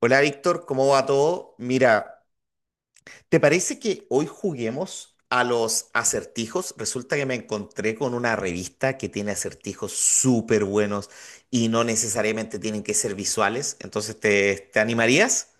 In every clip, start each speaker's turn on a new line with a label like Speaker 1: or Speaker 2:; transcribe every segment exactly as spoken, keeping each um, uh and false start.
Speaker 1: Hola Víctor, ¿cómo va todo? Mira, ¿te parece que hoy juguemos a los acertijos? Resulta que me encontré con una revista que tiene acertijos súper buenos y no necesariamente tienen que ser visuales, entonces ¿te, te animarías?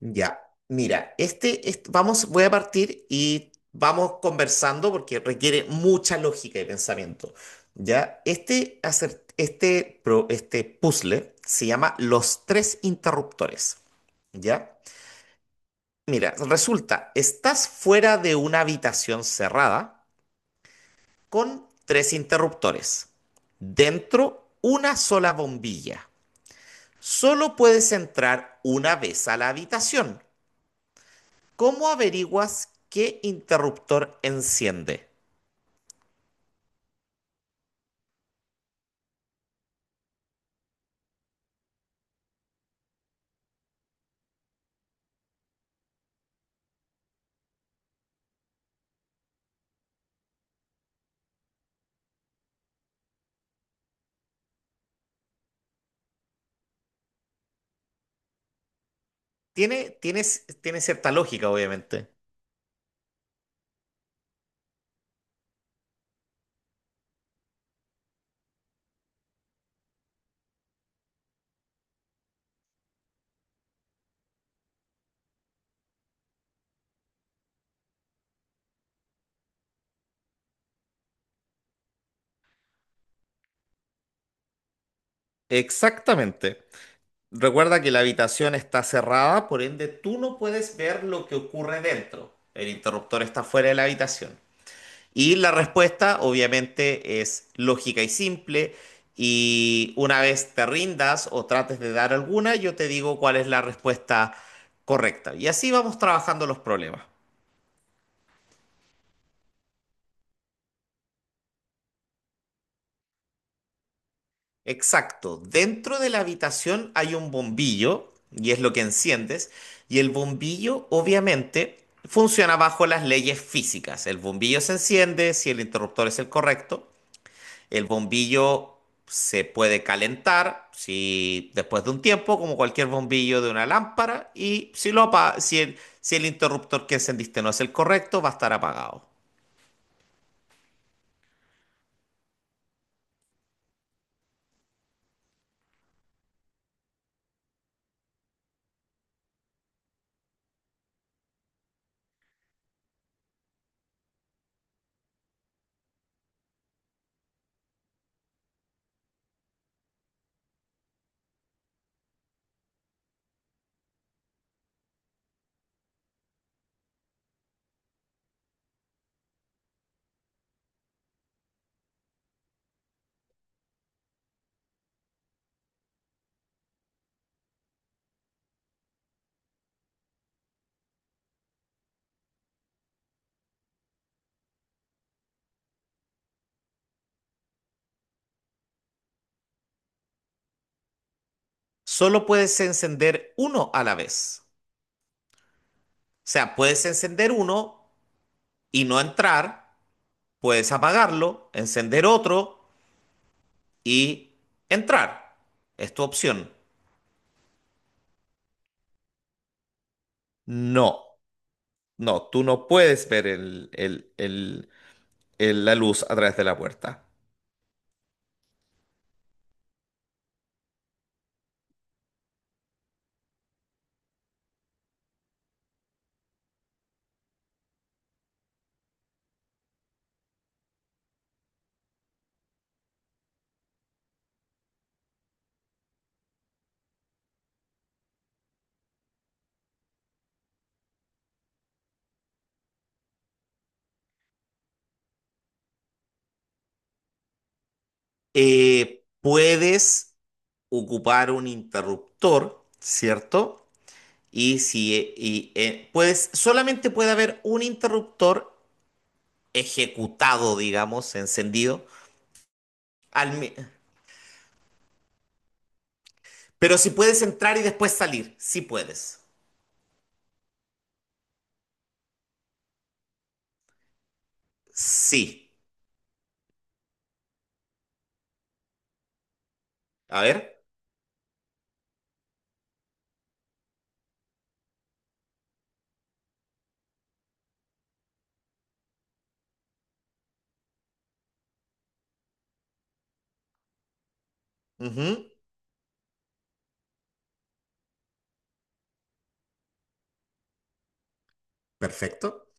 Speaker 1: Ya, mira, este, este- vamos, voy a partir y vamos conversando porque requiere mucha lógica y pensamiento. Ya, este, acer- este, pro- este puzzle se llama Los tres interruptores. ¿Ya? Mira, resulta, estás fuera de una habitación cerrada con tres interruptores. Dentro, una sola bombilla. Solo puedes entrar una vez a la habitación. ¿Cómo averiguas qué interruptor enciende? Tiene, tiene c- tiene cierta lógica, obviamente. Exactamente. Recuerda que la habitación está cerrada, por ende tú no puedes ver lo que ocurre dentro. El interruptor está fuera de la habitación. Y la respuesta obviamente es lógica y simple. Y una vez te rindas o trates de dar alguna, yo te digo cuál es la respuesta correcta. Y así vamos trabajando los problemas. Exacto. Dentro de la habitación hay un bombillo y es lo que enciendes. Y el bombillo obviamente funciona bajo las leyes físicas. El bombillo se enciende si el interruptor es el correcto. El bombillo se puede calentar si después de un tiempo, como cualquier bombillo de una lámpara, y si lo apa- si el, si el interruptor que encendiste no es el correcto, va a estar apagado. Solo puedes encender uno a la vez. O sea, puedes encender uno y no entrar, puedes apagarlo, encender otro y entrar. Es tu opción. No, no, tú no puedes ver el, el- el- el- la luz a través de la puerta. eh, puedes ocupar un interruptor, ¿cierto? Y si eh, y, eh, puedes, solamente puede haber un interruptor ejecutado, digamos, encendido. al mi- Pero si puedes entrar y después salir, sí puedes. Sí. A ver. Ujú. Perfecto.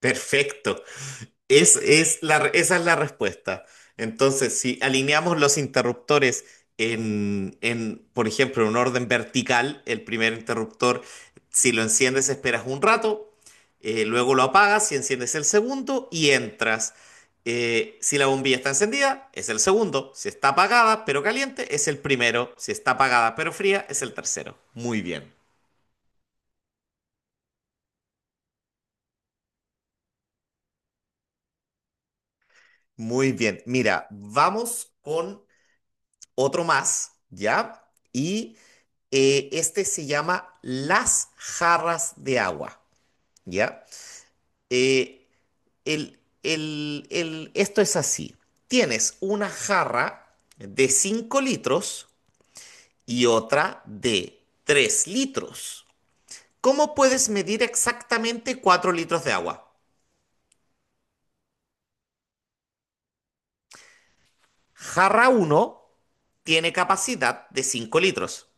Speaker 1: Perfecto. Es, es la, esa es la respuesta. Entonces, si alineamos los interruptores en, en, por ejemplo, en un orden vertical, el primer interruptor, si lo enciendes, esperas un rato, eh, luego lo apagas y enciendes el segundo y entras. Eh, si la bombilla está encendida, es el segundo. Si está apagada pero caliente, es el primero. Si está apagada pero fría, es el tercero. Muy bien, muy bien. Mira, vamos con otro más, ¿ya? Y Eh, este se llama Las jarras de agua, ¿ya? Eh, el- el- el- esto es así. Tienes una jarra de cinco litros y otra de tres litros. ¿Cómo puedes medir exactamente cuatro litros de agua? Jarra uno tiene capacidad de cinco litros.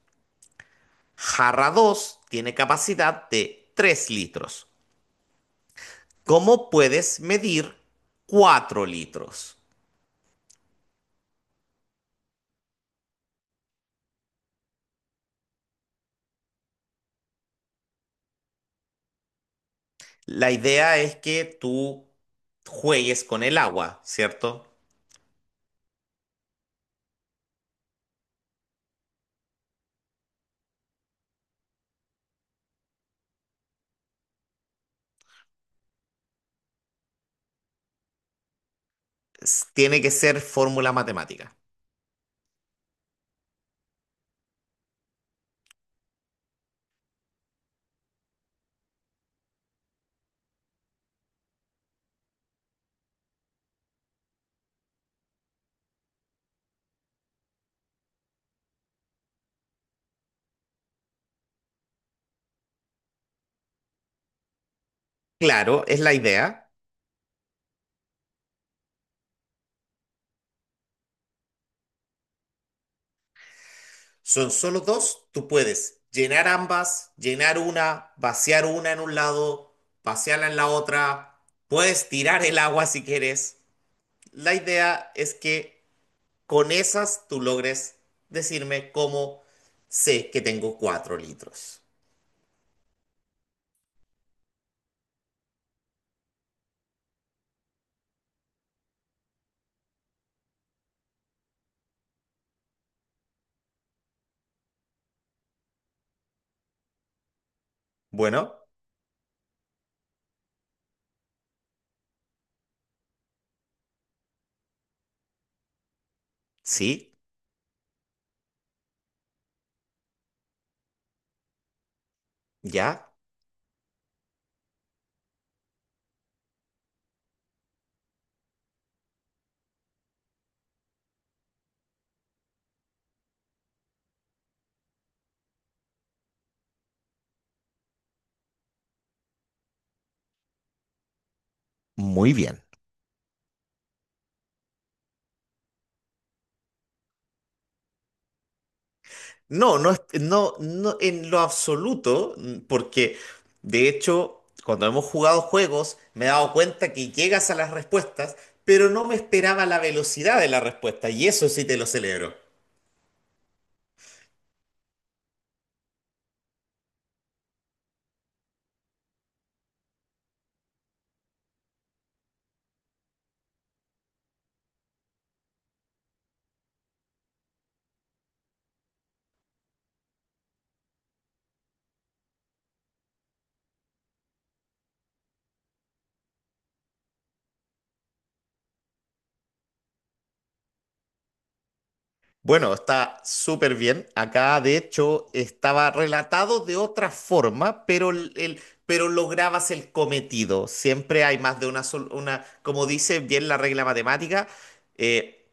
Speaker 1: Jarra dos tiene capacidad de tres litros. ¿Cómo puedes medir cuatro litros? La idea es que tú juegues con el agua, ¿cierto? S- Tiene que ser fórmula matemática. Claro, es la idea. Son solo dos. Tú puedes llenar ambas, llenar una, vaciar una en un lado, vaciarla en la otra. Puedes tirar el agua si quieres. La idea es que con esas tú logres decirme cómo sé que tengo cuatro litros. Bueno, sí, ya, muy bien. No, no, es- no, no en lo absoluto, mm, porque de hecho, cuando hemos jugado juegos, me he dado cuenta que llegas a las respuestas, pero no me esperaba la velocidad de la respuesta, y eso sí te lo celebro. Bueno, está súper bien. Acá, de hecho, estaba relatado de otra forma, pero, el, el- pero lograbas el cometido. Siempre hay más de una, sol- una, como dice bien la regla matemática, eh,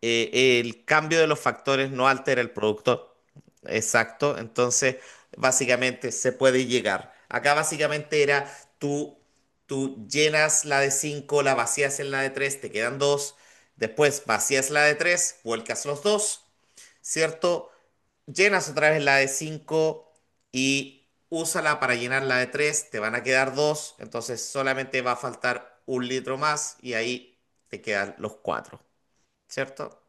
Speaker 1: eh, el cambio de los factores no altera el producto. Exacto. Entonces, básicamente se puede llegar. Acá básicamente era tú, tú llenas la de cinco, la vacías en la de tres, te quedan dos. Después vacías la de tres, vuelcas los dos, ¿cierto? Llenas otra vez la de cinco y úsala para llenar la de tres, te van a quedar dos. Entonces solamente va a faltar un litro más y ahí te quedan los cuatro, ¿cierto?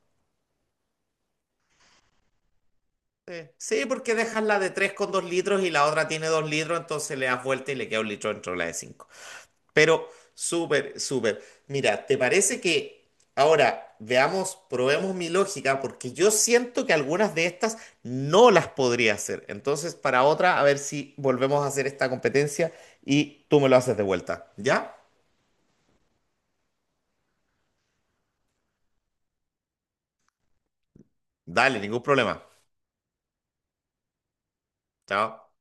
Speaker 1: Sí, sí, porque dejas la de tres con dos litros y la otra tiene dos litros, entonces le das vuelta y le queda un litro dentro de la de cinco. Pero súper, súper. Mira, ¿te parece que ahora veamos, probemos mi lógica? Porque yo siento que algunas de estas no las podría hacer. Entonces, para otra, a ver si volvemos a hacer esta competencia y tú me lo haces de vuelta. ¿Ya? Dale, ningún problema. Chao.